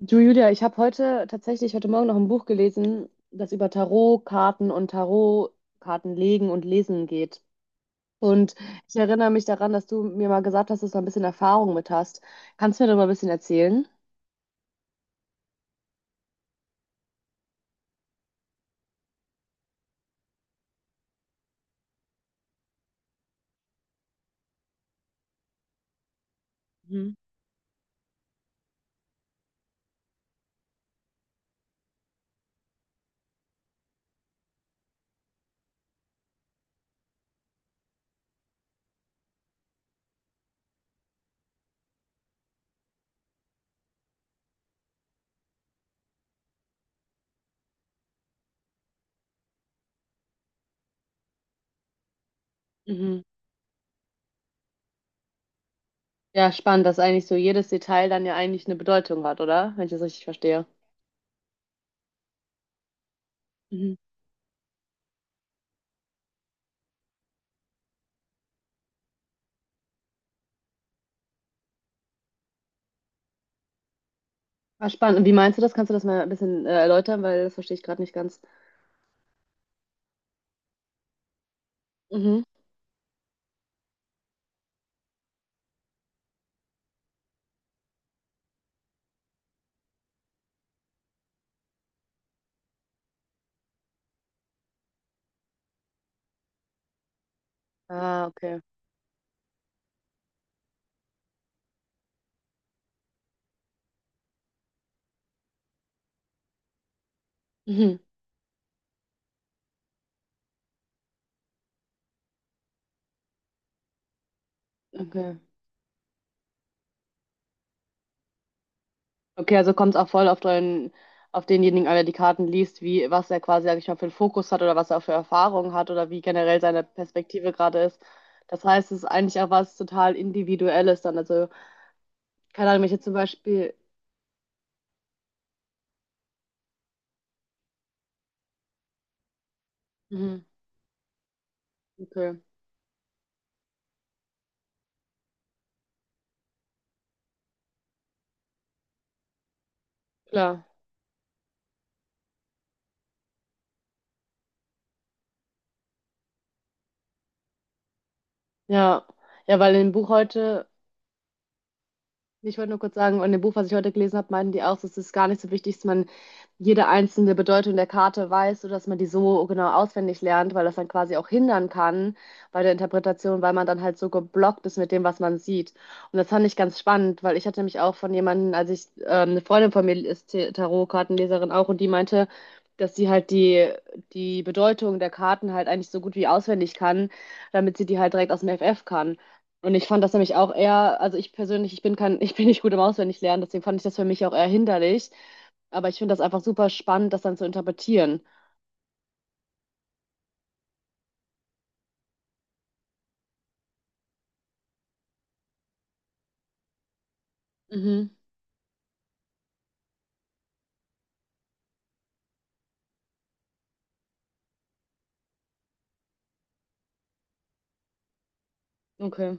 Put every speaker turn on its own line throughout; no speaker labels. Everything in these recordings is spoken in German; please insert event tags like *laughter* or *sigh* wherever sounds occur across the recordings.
Du Julia, ich habe heute tatsächlich heute Morgen noch ein Buch gelesen, das über Tarotkarten und Tarotkarten legen und lesen geht. Und ich erinnere mich daran, dass du mir mal gesagt hast, dass du ein bisschen Erfahrung mit hast. Kannst du mir da mal ein bisschen erzählen? Mhm. Mhm. Ja, spannend, dass eigentlich so jedes Detail dann ja eigentlich eine Bedeutung hat, oder? Wenn ich das richtig verstehe. Mhm. Ah, spannend. Und wie meinst du das? Kannst du das mal ein bisschen erläutern? Weil das verstehe ich gerade nicht ganz. Mhm. Ah, okay. Mhm. Okay. Okay, also kommt es auch voll auf den, auf denjenigen, an, der die Karten liest, wie, was er quasi, sag ich mal, für einen Fokus hat oder was er für Erfahrungen hat oder wie generell seine Perspektive gerade ist. Das heißt, es ist eigentlich auch was total Individuelles dann. Also, keine Ahnung, wenn ich jetzt zum Beispiel. Mhm. Okay, klar. Ja. Ja, weil im Buch heute. Ich wollte nur kurz sagen, in dem Buch, was ich heute gelesen habe, meinten die auch, es ist gar nicht so wichtig, dass man jede einzelne Bedeutung der Karte weiß oder dass man die so genau auswendig lernt, weil das dann quasi auch hindern kann bei der Interpretation, weil man dann halt so geblockt ist mit dem, was man sieht. Und das fand ich ganz spannend, weil ich hatte mich auch von jemandem, als ich, eine Freundin von mir ist Tarotkartenleserin auch, und die meinte, dass sie halt die Bedeutung der Karten halt eigentlich so gut wie auswendig kann, damit sie die halt direkt aus dem FF kann. Und ich fand das nämlich auch eher, also ich persönlich, ich bin kein, *laughs* ich bin nicht gut im Auswendiglernen, deswegen fand ich das für mich auch eher hinderlich. Aber ich finde das einfach super spannend, das dann zu interpretieren. Mhm. Okay.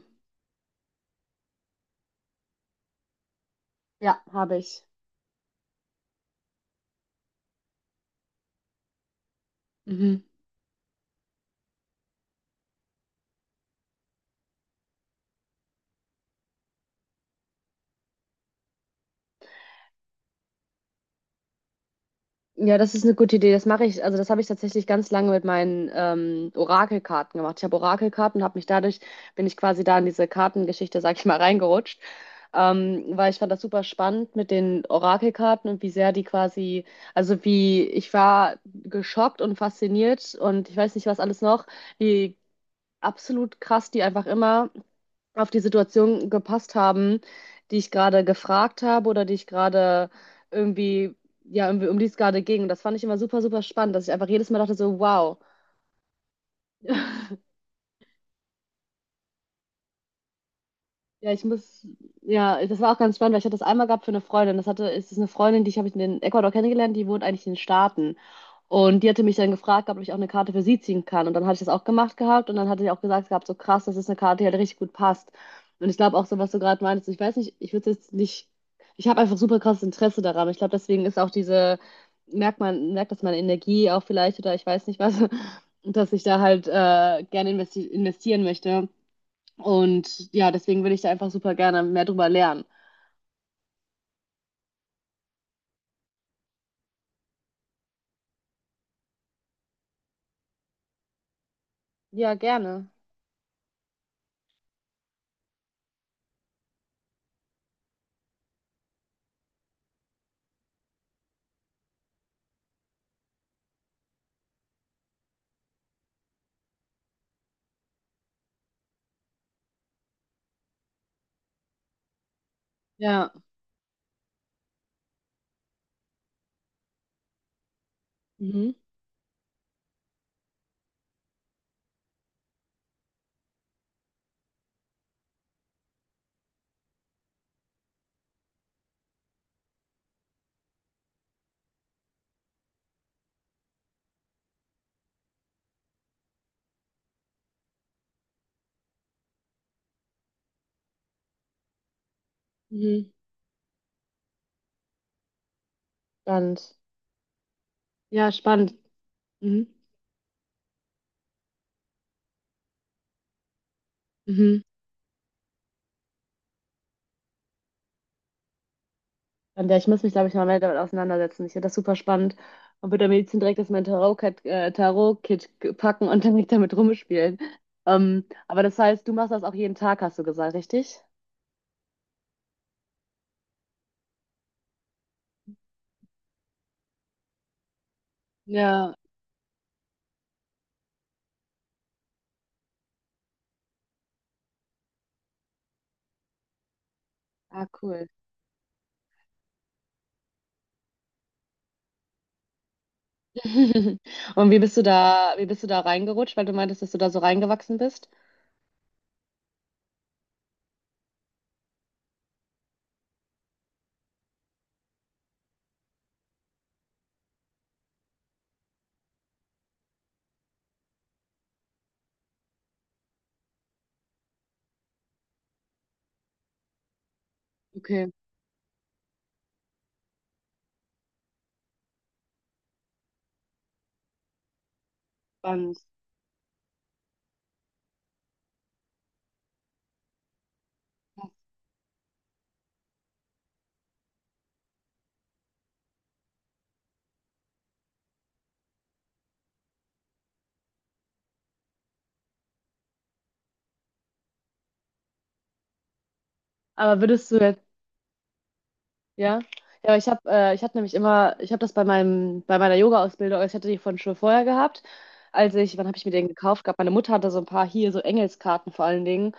Ja, habe ich. Mhm. Ja, das ist eine gute Idee. Das mache ich, also das habe ich tatsächlich ganz lange mit meinen Orakelkarten gemacht. Ich habe Orakelkarten, habe mich dadurch, bin ich quasi da in diese Kartengeschichte, sag ich mal, reingerutscht. Weil ich fand das super spannend mit den Orakelkarten und wie sehr die quasi, also wie, ich war geschockt und fasziniert und ich weiß nicht, was alles noch, wie absolut krass die einfach immer auf die Situation gepasst haben, die ich gerade gefragt habe oder die ich gerade irgendwie, ja, irgendwie, um die es gerade ging. Und das fand ich immer super, super spannend, dass ich einfach jedes Mal dachte so, wow. Ja, ich muss, ja, das war auch ganz spannend, weil ich hatte das einmal gehabt für eine Freundin. Das hatte, es ist eine Freundin, die ich habe ich in Ecuador kennengelernt, die wohnt eigentlich in den Staaten. Und die hatte mich dann gefragt, ob ich auch eine Karte für sie ziehen kann. Und dann hatte ich das auch gemacht gehabt und dann hatte ich auch gesagt gehabt, so krass, das ist eine Karte, die halt richtig gut passt. Und ich glaube auch so, was du gerade meintest, ich weiß nicht, ich würde jetzt nicht, ich habe einfach super krasses Interesse daran. Ich glaube, deswegen ist auch diese, merkt man, merkt das meine Energie auch vielleicht oder ich weiß nicht was, *laughs* dass ich da halt gerne investieren möchte. Und ja, deswegen will ich da einfach super gerne mehr drüber lernen. Ja, gerne. Ja. Mhm. Mhm. Spannend. Ja, spannend. Mhm. Mhm. Und ja, ich muss mich, glaube ich, mal mehr damit auseinandersetzen. Ich finde das super spannend und würde am liebsten direkt aus meinem Tarot-Kit packen und dann direkt damit rumspielen. Aber das heißt, du machst das auch jeden Tag, hast du gesagt, richtig? Ja. Ah, cool. *laughs* Und wie bist du da, wie bist du da reingerutscht, weil du meintest, dass du da so reingewachsen bist? Okay, spannend. Aber würdest du jetzt ja, ja, aber ich habe ich hatte nämlich immer, ich habe das bei meinem bei meiner Yoga-Ausbildung, also ich hatte die von schon vorher gehabt. Als ich, wann habe ich mir den gekauft gehabt? Meine Mutter hatte so ein paar hier so Engelskarten vor allen Dingen und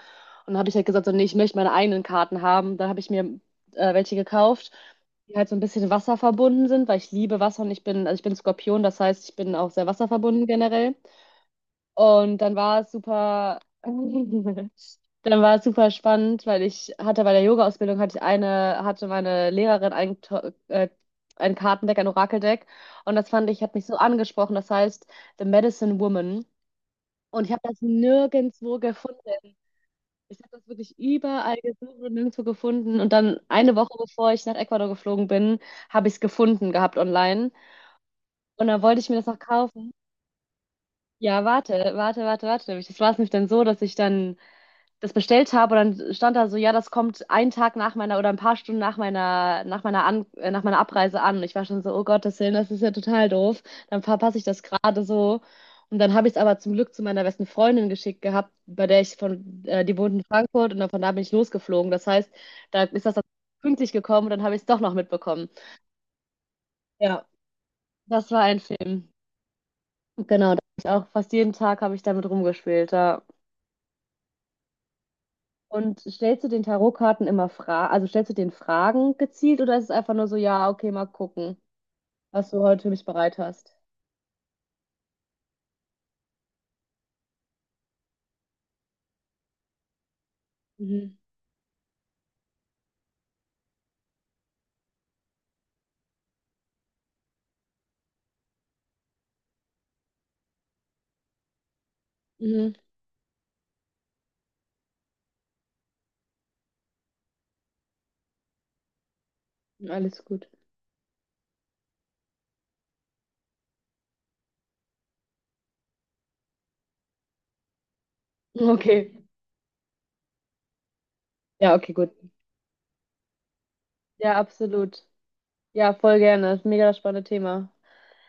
dann habe ich halt gesagt, so nee, ich möchte meine eigenen Karten haben. Dann habe ich mir welche gekauft, die halt so ein bisschen Wasser verbunden sind, weil ich liebe Wasser und ich bin, also ich bin Skorpion, das heißt, ich bin auch sehr wasserverbunden generell. Und dann war es super. *laughs* Dann war es super spannend, weil ich hatte bei der Yoga-Ausbildung hatte ich eine, hatte meine Lehrerin ein, ein Kartendeck, ein Orakeldeck. Und das fand ich, hat mich so angesprochen. Das heißt The Medicine Woman. Und ich habe das nirgendwo gefunden. Ich habe das wirklich überall gesucht und nirgendwo gefunden. Und dann eine Woche bevor ich nach Ecuador geflogen bin, habe ich es gefunden gehabt online. Und dann wollte ich mir das noch kaufen. Ja, warte, warte, warte, warte. Das war es nämlich dann so, dass ich dann das bestellt habe und dann stand da so, ja, das kommt einen Tag nach meiner oder ein paar Stunden nach meiner, an, nach meiner Abreise an. Und ich war schon so, oh Gottes Willen, das ist ja total doof. Dann verpasse ich das gerade so. Und dann habe ich es aber zum Glück zu meiner besten Freundin geschickt gehabt, bei der ich von, die wohnt in Frankfurt und dann von da bin ich losgeflogen. Das heißt, da ist das dann pünktlich gekommen und dann habe ich es doch noch mitbekommen. Ja. Das war ein Film. Genau, da hab ich auch fast jeden Tag habe ich damit rumgespielt. Ja. Und stellst du den Tarotkarten immer Fragen, also stellst du den Fragen gezielt oder ist es einfach nur so, ja, okay, mal gucken, was du heute für mich bereit hast? Mhm. Mhm. Alles gut. Okay. Ja, okay, gut. Ja, absolut. Ja, voll gerne. Das ist ein mega spannendes Thema.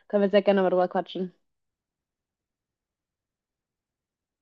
Können wir sehr gerne mal drüber quatschen.